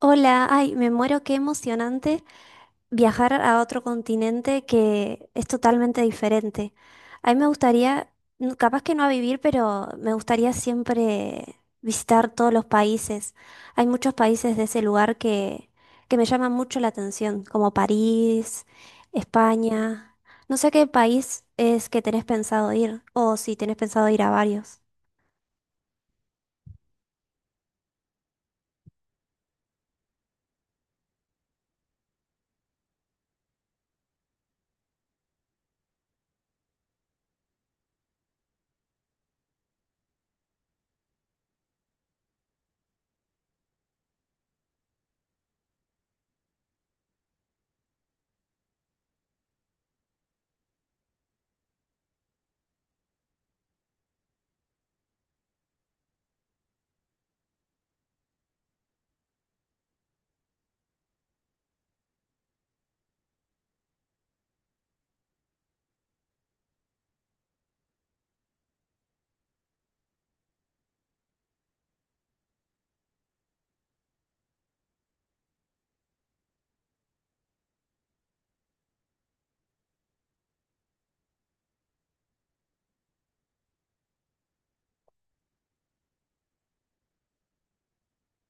Hola, ay, me muero, qué emocionante viajar a otro continente que es totalmente diferente. A mí me gustaría, capaz que no a vivir, pero me gustaría siempre visitar todos los países. Hay muchos países de ese lugar que me llaman mucho la atención, como París, España. No sé a qué país es que tenés pensado ir, o si tenés pensado ir a varios.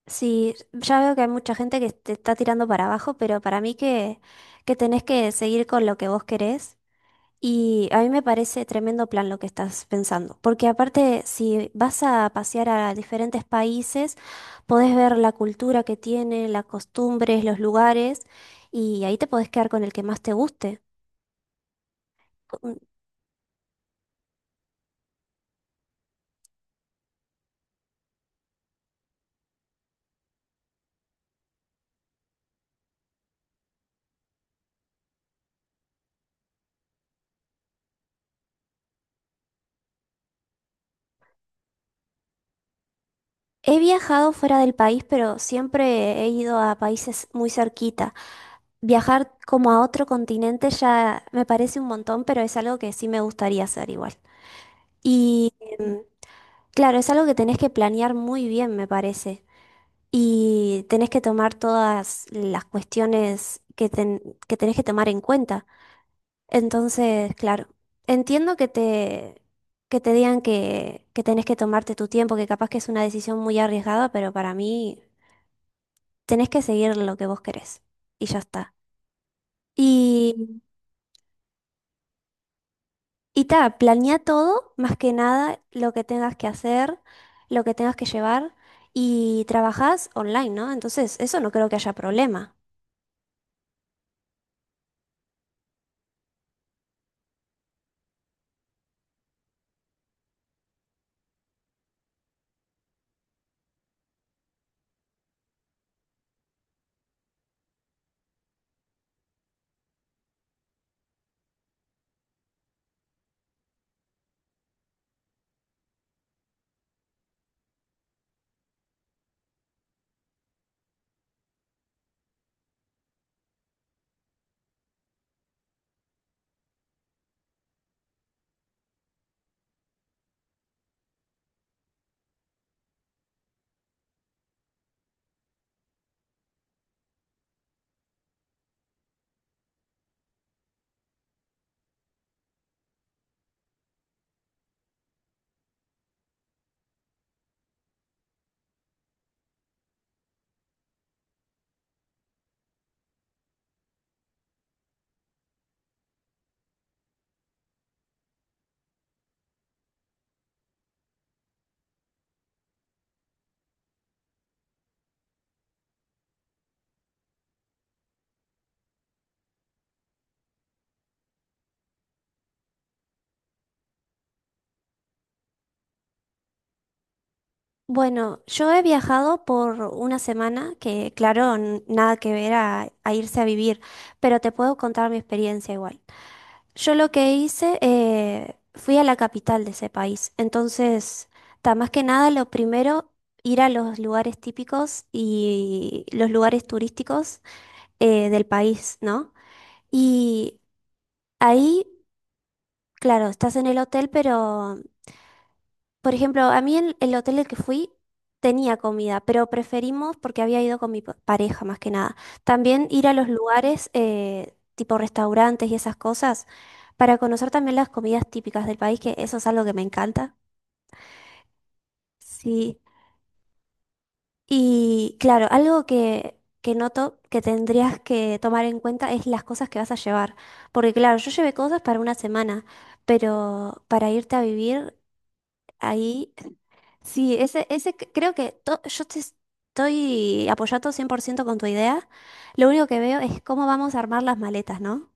Sí, ya veo que hay mucha gente que te está tirando para abajo, pero para mí que tenés que seguir con lo que vos querés. Y a mí me parece tremendo plan lo que estás pensando, porque aparte si vas a pasear a diferentes países, podés ver la cultura que tienen, las costumbres, los lugares, y ahí te podés quedar con el que más te guste. Mm, He viajado fuera del país, pero siempre he ido a países muy cerquita. Viajar como a otro continente ya me parece un montón, pero es algo que sí me gustaría hacer igual. Y claro, es algo que tenés que planear muy bien, me parece. Y tenés que tomar todas las cuestiones que que tenés que tomar en cuenta. Entonces, claro, entiendo que te digan que tenés que tomarte tu tiempo, que capaz que es una decisión muy arriesgada, pero para mí tenés que seguir lo que vos querés. Y ya está. Y Y ta, planea todo, más que nada lo que tengas que hacer, lo que tengas que llevar y trabajas online, ¿no? Entonces, eso no creo que haya problema. Bueno, yo he viajado por una semana, que claro, nada que ver a irse a vivir, pero te puedo contar mi experiencia igual. Yo lo que hice, fui a la capital de ese país, entonces, ta, más que nada, lo primero, ir a los lugares típicos y los lugares turísticos del país, ¿no? Y ahí, claro, estás en el hotel, pero, por ejemplo, a mí el hotel al que fui tenía comida, pero preferimos, porque había ido con mi pareja más que nada, también ir a los lugares tipo restaurantes y esas cosas para conocer también las comidas típicas del país, que eso es algo que me encanta. Sí. Y claro, algo que noto que tendrías que tomar en cuenta es las cosas que vas a llevar. Porque claro, yo llevé cosas para una semana, pero para irte a vivir ahí, sí, ese creo que yo te estoy apoyando 100% con tu idea. Lo único que veo es cómo vamos a armar las maletas, ¿no?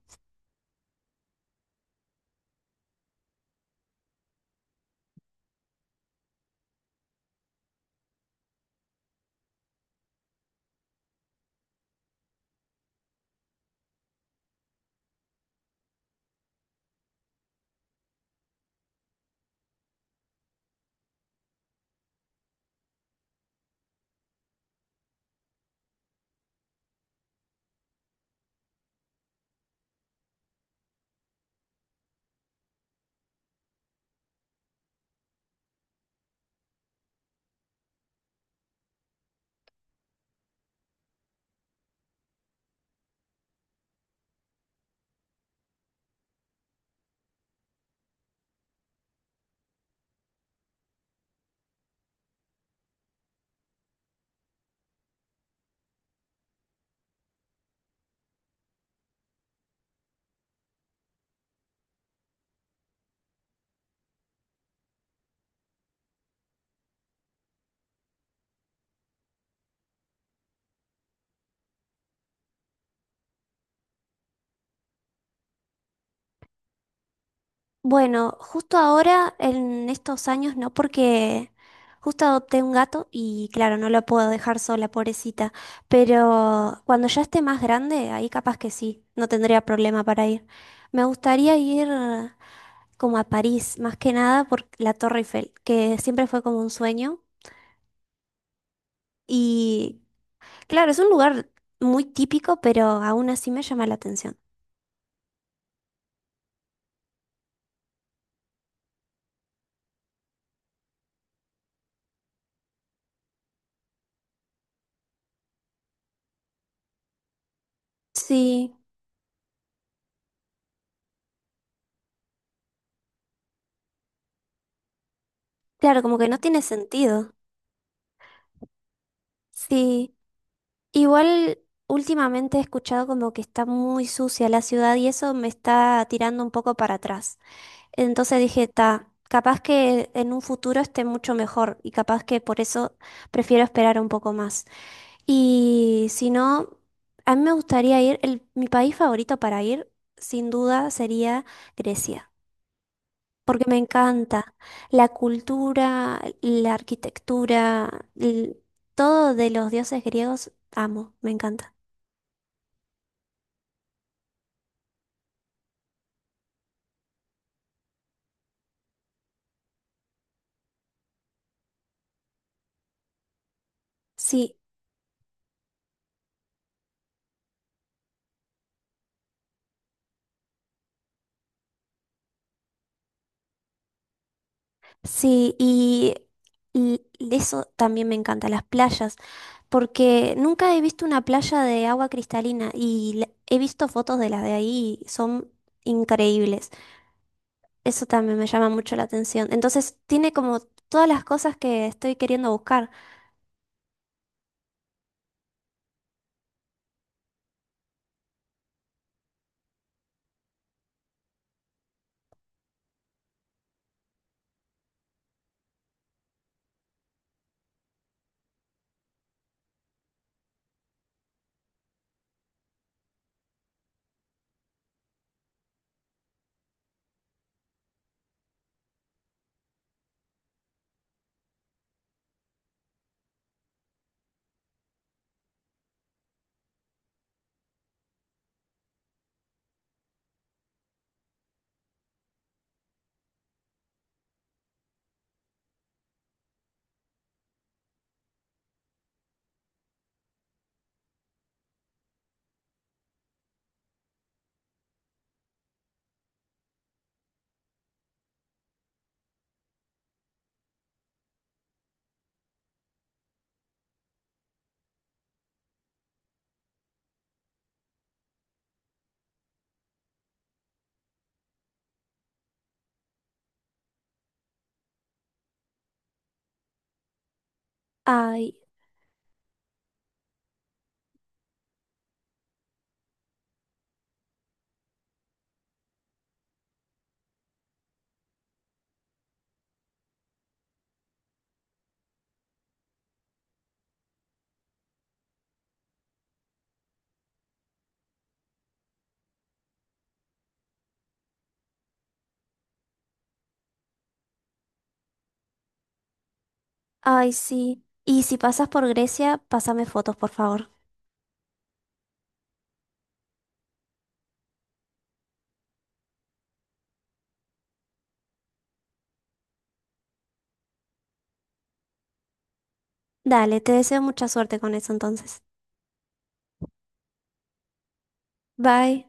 Bueno, justo ahora, en estos años, no, porque justo adopté un gato y claro, no lo puedo dejar sola, pobrecita. Pero cuando ya esté más grande, ahí capaz que sí, no tendría problema para ir. Me gustaría ir como a París, más que nada por la Torre Eiffel, que siempre fue como un sueño. Y claro, es un lugar muy típico, pero aún así me llama la atención. Sí, claro, como que no tiene sentido. Sí. Igual últimamente he escuchado como que está muy sucia la ciudad y eso me está tirando un poco para atrás. Entonces dije, ta, capaz que en un futuro esté mucho mejor y capaz que por eso prefiero esperar un poco más. Y si no, a mí me gustaría ir, mi país favorito para ir, sin duda, sería Grecia, porque me encanta la cultura, la arquitectura, todo de los dioses griegos, amo, me encanta. Sí, sí, y eso también me encanta, las playas, porque nunca he visto una playa de agua cristalina y he visto fotos de las de ahí y son increíbles. Eso también me llama mucho la atención. Entonces, tiene como todas las cosas que estoy queriendo buscar. Ay, ay, sí. Y si pasas por Grecia, pásame fotos, por favor. Dale, te deseo mucha suerte con eso entonces. Bye.